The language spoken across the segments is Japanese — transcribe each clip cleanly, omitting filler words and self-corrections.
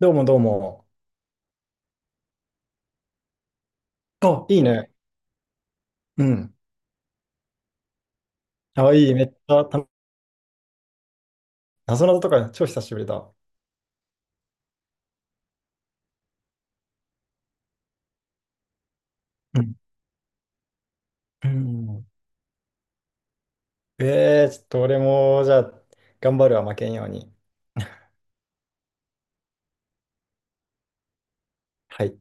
どうもどうも。あ、いいね。うん。あ、いい。めっちゃた、謎謎とか超久しぶりだ。うん。うん。ちょっと俺も、じゃあ、頑張るは負けんように。はい。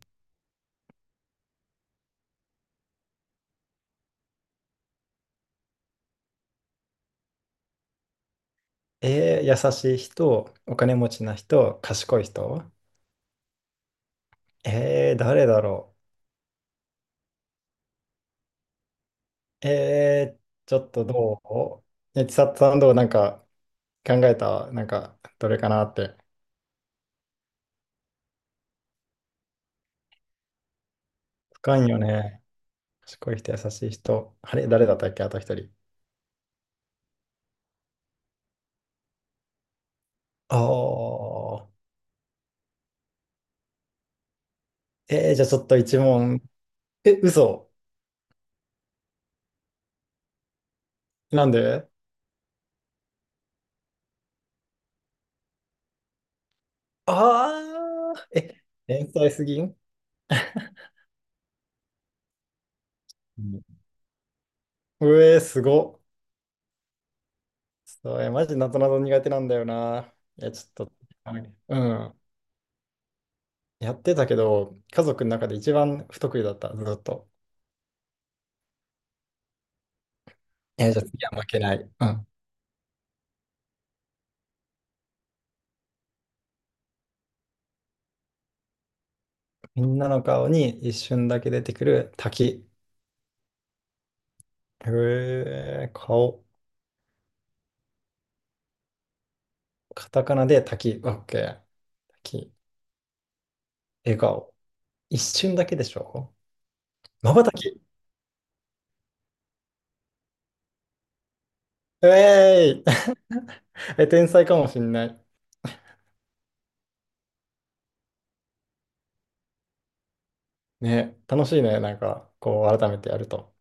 えー、優しい人、お金持ちな人、賢い人。えー、誰だろう。えー、ちょっとどうえ、千里さんどうなんか考えたどれかなって。深いよね。賢い人、優しい人。あれ、誰だったっけあと一人。ああ。えー、じゃあちょっと一問。え、嘘。なんで？ああー、え、天才すぎん？うん。うえー、すごっ。そう、え、マジなぞなぞ苦手なんだよな。いや、ちょっと、はい、うん。やってたけど、家族の中で一番不得意だった、ずっと。え、じゃあ次は負けない。うん。みんなの顔に一瞬だけ出てくる滝。うえー、顔。カタカナで滝。オッケー。滝。笑顔。一瞬だけでしょ？まばたき。うえーい。え、天才かもしんない。ね、楽しいね。なんか、こう、改めてやると。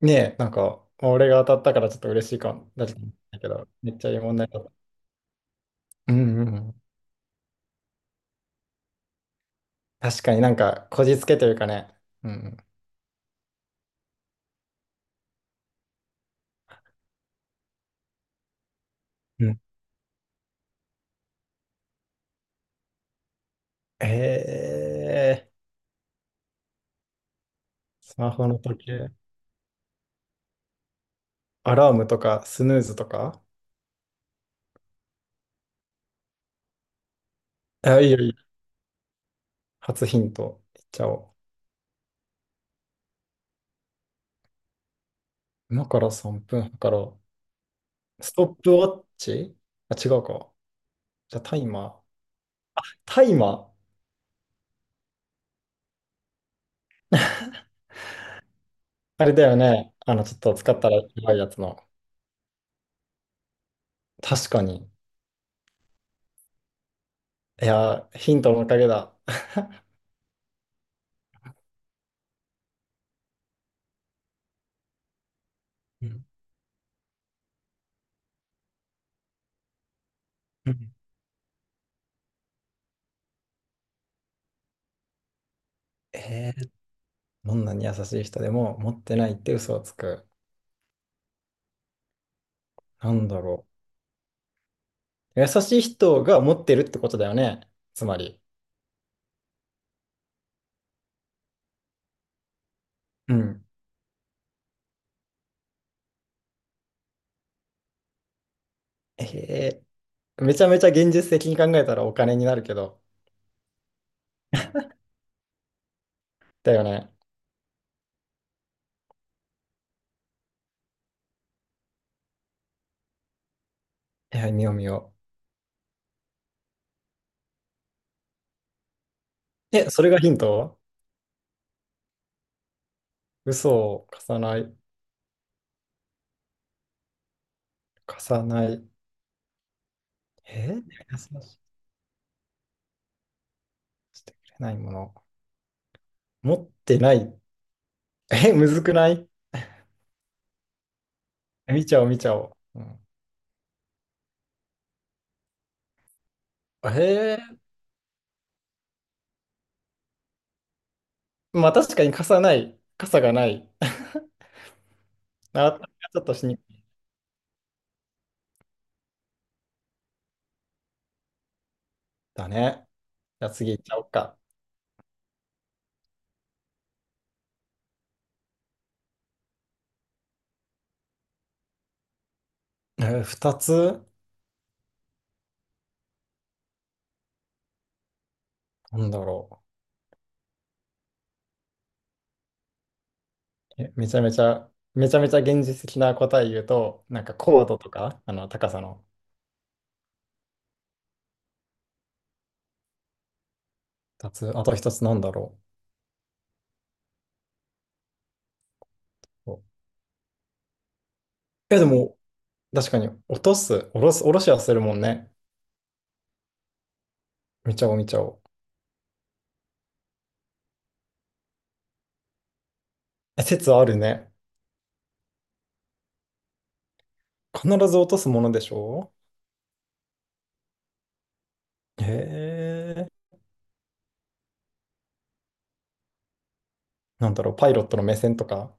ねえ、なんか、俺が当たったからちょっと嬉しいかも。だけど、めっちゃいい問題だった。うんうんうん。確かになんか、こじつけというかね。うんうん。うん。えー、スマホの時計、アラームとか、スヌーズとか。あ、いいよいいよ。初ヒント、いっちゃおう。今から3分測ろう。ストップウォッチ。あ、違うか。じゃあ、タイマー。タイマー。あれだよね。あの、ちょっと使ったらやばいやつの。確かに。いやー、ヒントのおかげだ。うんうん。 えー、どんなに優しい人でも持ってないって嘘をつく。なんだろう。優しい人が持ってるってことだよね。つまり。うん。えー、めちゃめちゃ現実的に考えたらお金になるけど。だよね。いや、見よう見よう。え、それがヒント？嘘を重ない、重ない。えー、優しくしてくれないもの。持ってない。 え、むずくない？見ちゃおう、見ちゃおう。うん、へえ。まあ確かに傘ない、傘がない。あ、ちょっとしにくい。だね。じゃあ次行っちゃおうか。えー、二つ、なんだろう。え、めちゃめちゃ現実的な答え言うと、なんか高度とか、あの高さの。二つ、あと一つなんだろう。え、でも、確かに落とす、下ろす、下ろしはするもんね。見ちゃおう、見ちゃおう。え、説あるね。必ず落とすものでしょ？へえ、なんだろう、パイロットの目線とか。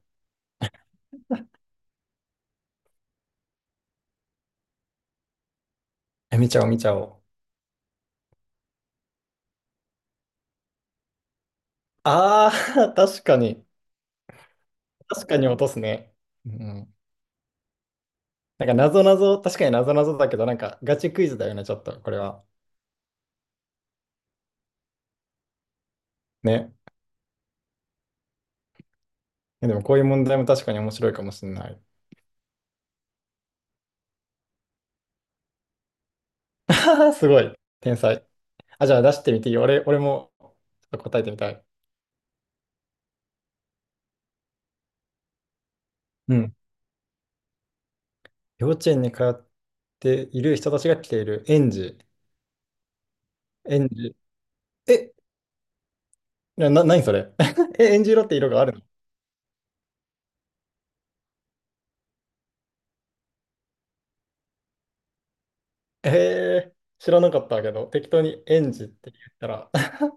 え、見ちゃおう、見ちゃおう。ああ、確かに。確かに落とすね。うん。なんか、なぞなぞ、確かになぞなぞだけど、なんか、ガチクイズだよね、ちょっと、これは。ね。えでも、こういう問題も確かに面白いかもしれない。あーすごい。天才。あ、じゃあ、出してみていいよ。俺も、ちょっと答えてみたい。うん。幼稚園に通っている人たちが着ている園児。園児。え、何それ。 え、園児色って色があるの？ええー、知らなかったけど、適当に園児って言ったら、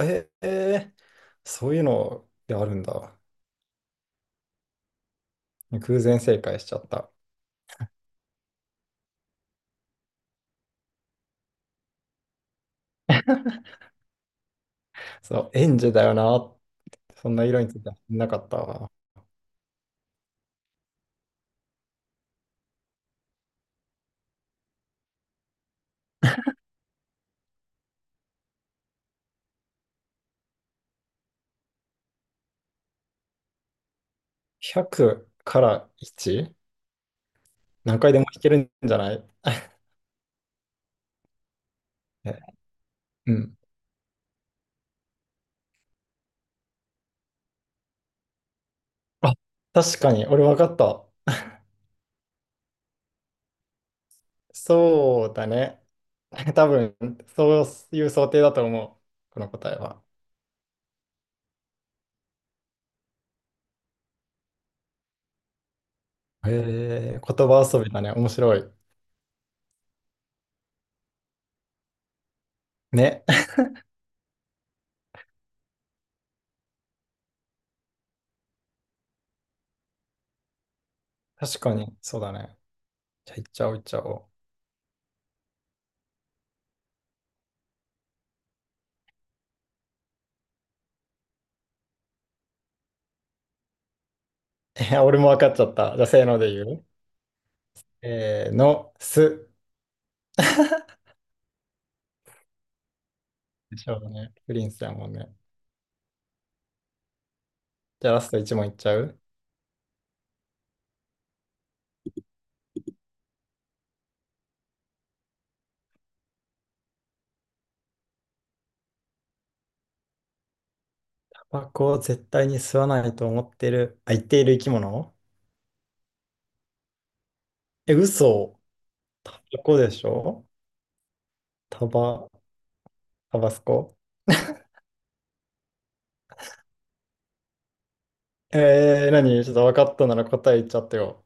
ええー、そういうのであるんだ。偶然正解しちゃった。そう、園児だよな。そんな色についてはなかったわ。100から 1？ 何回でも弾けるんじゃない？ え、うん。あ、確かに、俺分かった。そうだね。多分、そういう想定だと思う。この答えは。え、え、言葉遊びだね。面白い。ね。確かに、そうだね。じゃあ、いっちゃおう、いっちゃおう。え、俺も分かっちゃった。じゃあ、せーので言う。せーの、す。でしょうね。プリンスだもんね。じゃあ、ラスト1問いっちゃう。タバコを絶対に吸わないと思ってる、あ、言っている生き物。え、嘘。タバコでしょ？タバ、タバスコ。えー、何？ちょっと分かったなら答え言っちゃってよ。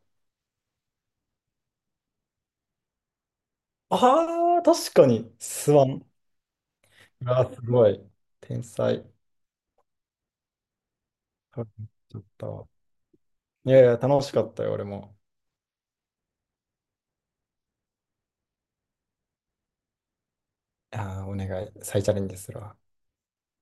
あー、確かに、吸わん。うわ、すごい。天才。ちょっと。いやいや、楽しかったよ、俺も。ああ、お願い。再チャレンジするわ。